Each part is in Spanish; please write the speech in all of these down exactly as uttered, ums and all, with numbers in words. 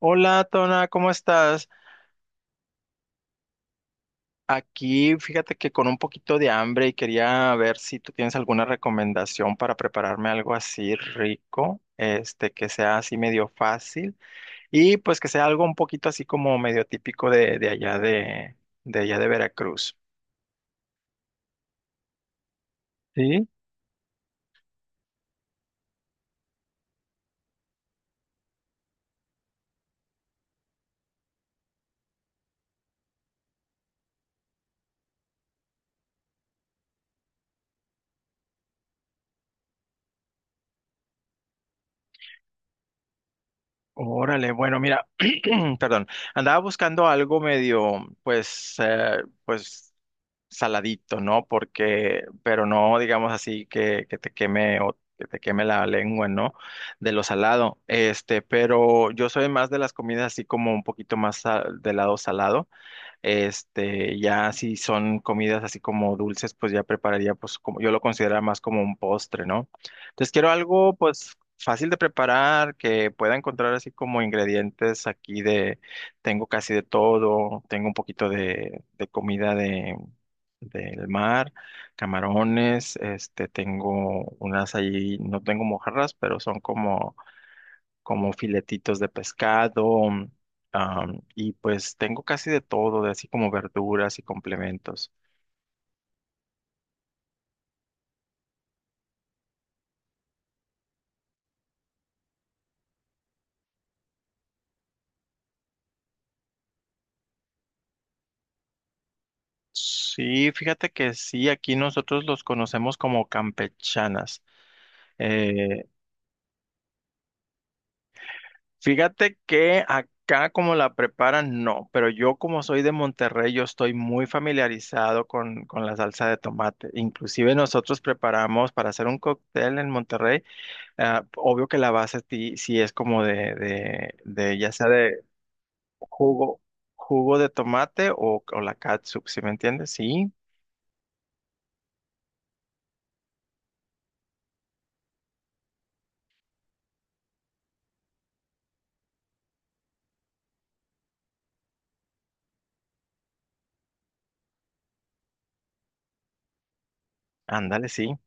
Hola, Tona, ¿cómo estás? Aquí, fíjate que con un poquito de hambre y quería ver si tú tienes alguna recomendación para prepararme algo así rico, este, que sea así medio fácil y pues que sea algo un poquito así como medio típico de, de allá de, de allá de Veracruz. Sí, órale, bueno, mira, perdón, andaba buscando algo medio, pues, eh, pues saladito, ¿no? Porque, pero no, digamos así, que, que te queme o que te queme la lengua, ¿no? De lo salado. Este, pero yo soy más de las comidas así como un poquito más sa- del lado salado. Este, ya si son comidas así como dulces, pues ya prepararía, pues como yo lo considero más como un postre, ¿no? Entonces quiero algo pues fácil de preparar, que pueda encontrar así como ingredientes aquí de, tengo casi de todo, tengo un poquito de, de comida de, del mar, camarones, este, tengo unas allí no tengo mojarras, pero son como como filetitos de pescado, mm, y pues tengo casi de todo, de así como verduras y complementos. Sí, fíjate que sí, aquí nosotros los conocemos como campechanas. Eh, fíjate que acá como la preparan, no, pero yo como soy de Monterrey, yo estoy muy familiarizado con, con la salsa de tomate. Inclusive nosotros preparamos para hacer un cóctel en Monterrey, ah, obvio que la base sí, sí es como de, de, de, ya sea de Jugo, jugo de tomate o, o la catsup, ¿sí me entiendes? Sí, ándale, sí.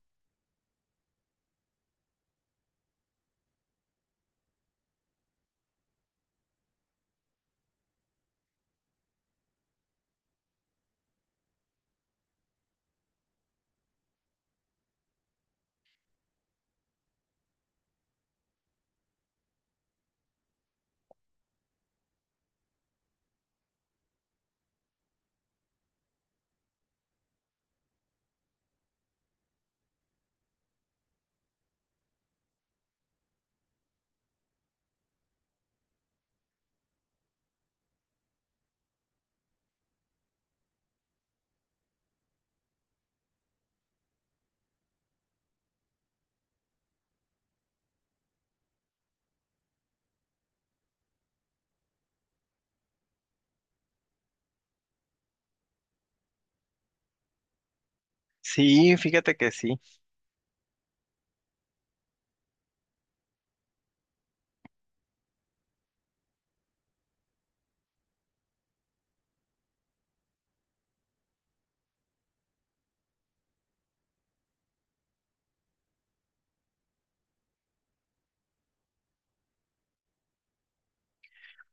Sí, fíjate que sí.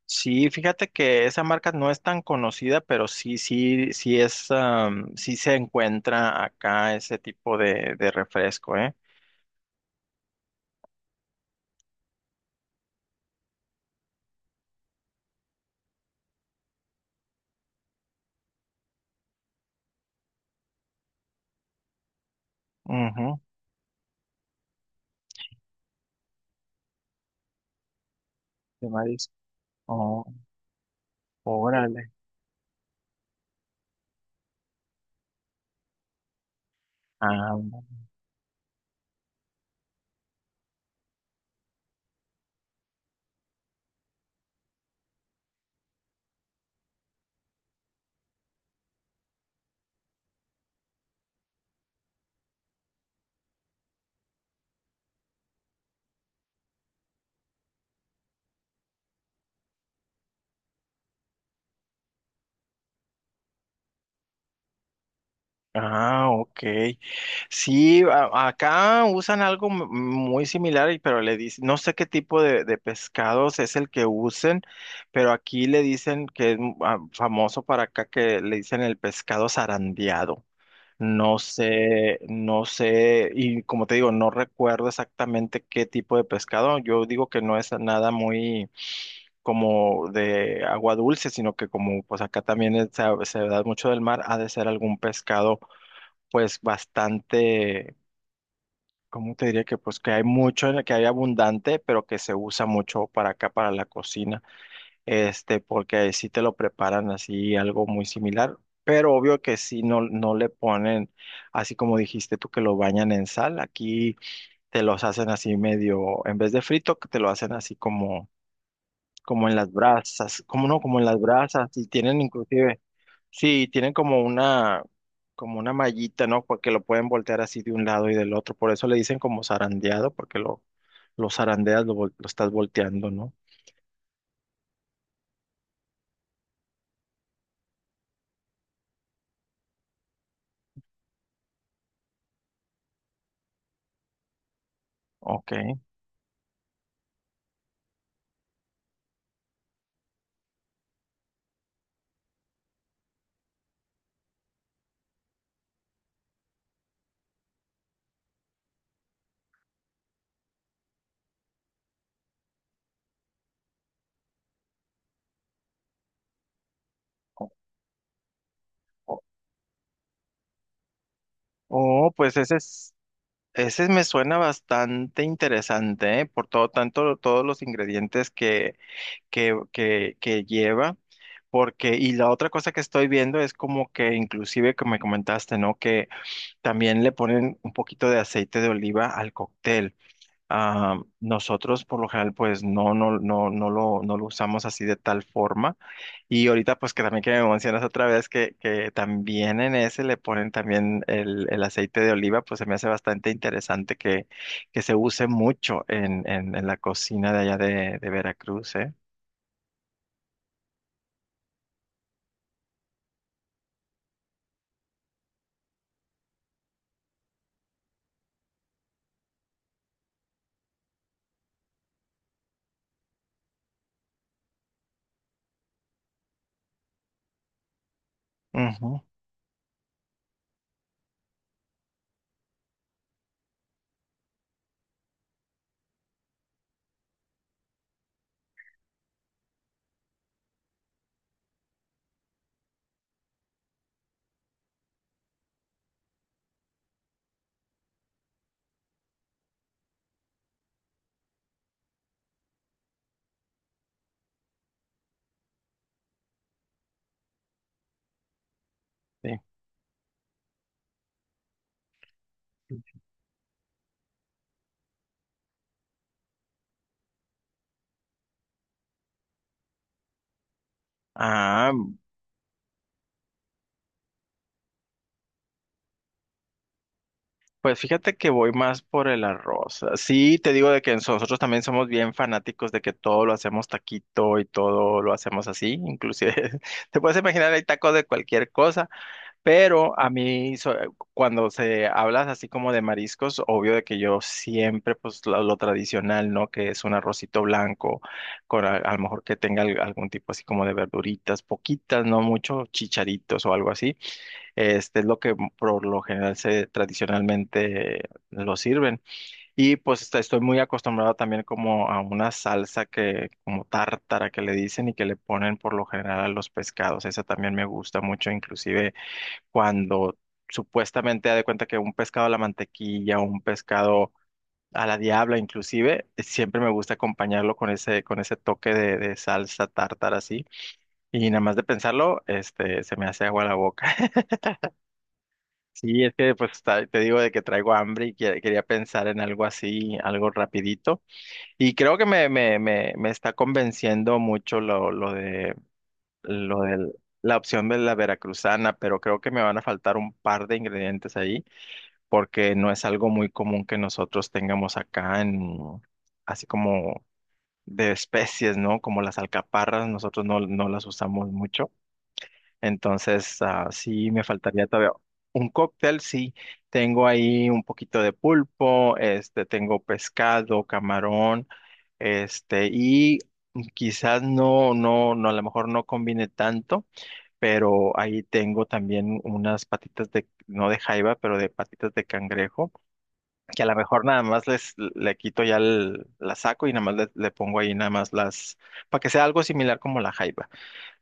Sí, fíjate que esa marca no es tan conocida, pero sí, sí, sí es, am, sí se encuentra acá ese tipo de, de refresco, ¿eh? Ujú, de marisco. Oh, órale. Ah. Ah, ok. Sí, a- acá usan algo m- muy similar, y- pero le dicen, no sé qué tipo de, de pescados es el que usen, pero aquí le dicen que es m- ah, famoso para acá que le dicen el pescado zarandeado. No sé, no sé, y como te digo, no recuerdo exactamente qué tipo de pescado. Yo digo que no es nada muy como de agua dulce, sino que como pues acá también es- se, se da mucho del mar, ha de ser algún pescado pues bastante, ¿cómo te diría que pues que hay mucho, en el que hay abundante, pero que se usa mucho para acá, para la cocina, este, porque ahí sí te lo preparan así algo muy similar, pero obvio que sí no, no le ponen, así como dijiste tú que lo bañan en sal, aquí te los hacen así medio, en vez de frito, que te lo hacen así como, como en las brasas, como no, como en las brasas, y tienen inclusive. Sí, tienen como una, como una mallita, ¿no? Porque lo pueden voltear así de un lado y del otro. Por eso le dicen como zarandeado, porque lo, lo zarandeas, lo, vol- lo estás volteando, ¿no? Ok. O- o- Oh, pues ese es, ese me suena bastante interesante, ¿eh? Por todo tanto, todos los ingredientes que, que, que, que lleva. Porque, y la otra cosa que estoy viendo es como que inclusive que me comentaste, ¿no? Que también le ponen un poquito de aceite de oliva al cóctel. Ah, nosotros por lo general pues no, no, no, no lo, no lo usamos así de tal forma. Y ahorita pues que también que me mencionas otra vez que, que también en ese le ponen también el, el aceite de oliva, pues se me hace bastante interesante que, que se use mucho en, en, en la cocina de allá de, de Veracruz, ¿eh? Ujú, sí. Ah, pues fíjate que voy más por el arroz. Sí, te digo de que en- nosotros también somos bien fanáticos de que todo lo hacemos taquito y todo lo hacemos así, inclusive te puedes imaginar hay tacos de cualquier cosa, pero a mí so- cuando se hablas así como de mariscos, obvio de que yo siempre pues lo, lo tradicional, ¿no? Que es un arrocito blanco con a, a lo mejor que tenga al- algún tipo así como de verduritas, poquitas, no mucho, chicharitos o algo así este es lo que por lo general se tradicionalmente lo sirven. Y pues está- estoy muy acostumbrado también como a una salsa que, como tártara que le dicen y que le ponen por lo general a los pescados. Esa también me gusta mucho, inclusive cuando supuestamente da de cuenta que un pescado a la mantequilla, un pescado a la diabla, inclusive, siempre me gusta acompañarlo con ese, con ese toque de, de salsa tártara así. Y nada más de pensarlo, este, se me hace agua la boca. Sí, es que pues ta- te digo de que traigo hambre y que- quería pensar en algo así, algo rapidito. Y creo que me, me, me, me está convenciendo mucho lo, lo de lo del- la opción de la veracruzana, pero creo que me van a faltar un par de ingredientes ahí, porque no es algo muy común que nosotros tengamos acá en así como de especies, ¿no? Como las alcaparras, nosotros no, no las usamos mucho. Entonces, ah, sí me faltaría todavía un cóctel, sí. Tengo ahí un poquito de pulpo, este, tengo pescado, camarón, este, y quizás no, no, no, a lo mejor no combine tanto, pero ahí tengo también unas patitas de, no de jaiba, pero de patitas de cangrejo, que a lo mejor nada más les, le quito ya el- la saco y nada más le, le pongo ahí nada más las, para que sea algo similar como la jaiba.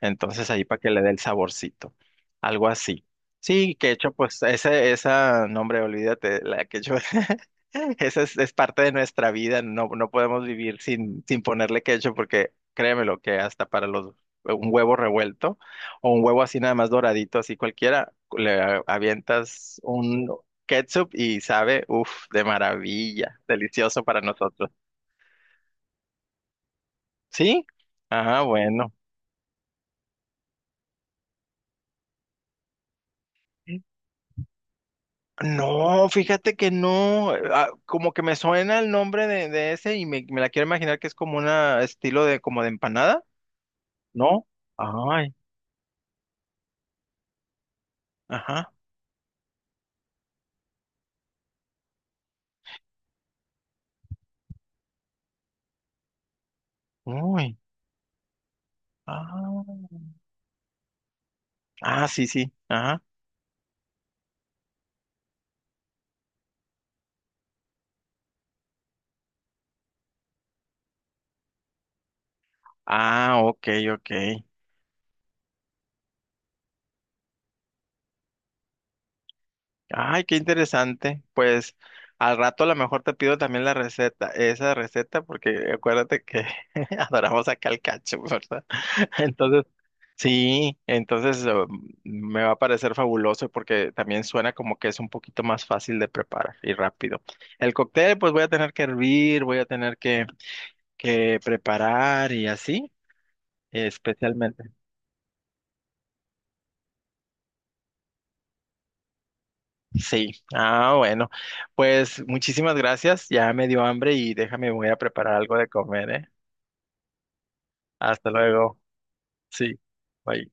Entonces ahí para que le dé el saborcito. Algo así. Sí, que hecho, pues ese, esa, no hombre, olvídate, la que hecho, esa es, es parte de nuestra vida, no, no podemos vivir sin, sin ponerle hecho, porque créemelo que hasta para los, un huevo revuelto o un huevo así nada más doradito, así cualquiera, le a- avientas un ketchup y sabe, uff, de maravilla, delicioso para nosotros. ¿Sí? Ah, bueno. No, fíjate que no, eh, ah, como que me suena el nombre de, de ese y me, me la quiero imaginar que es como una estilo de como de empanada, ¿no? Ay, ajá, uy, ah, ah, sí, sí, ajá, ah, ok, ok, ay, qué interesante, pues al rato a lo mejor te pido también la receta, esa receta, porque acuérdate que adoramos acá el cacho, ¿verdad? Entonces, sí, entonces eh, me va a parecer fabuloso porque también suena como que es un poquito más fácil de preparar y rápido. El cóctel pues voy a tener que hervir, voy a tener que, que preparar y así, eh, especialmente. Sí, ah, bueno, pues muchísimas gracias, ya me dio hambre y déjame, voy a preparar algo de comer, ¿eh? Hasta luego, sí, bye.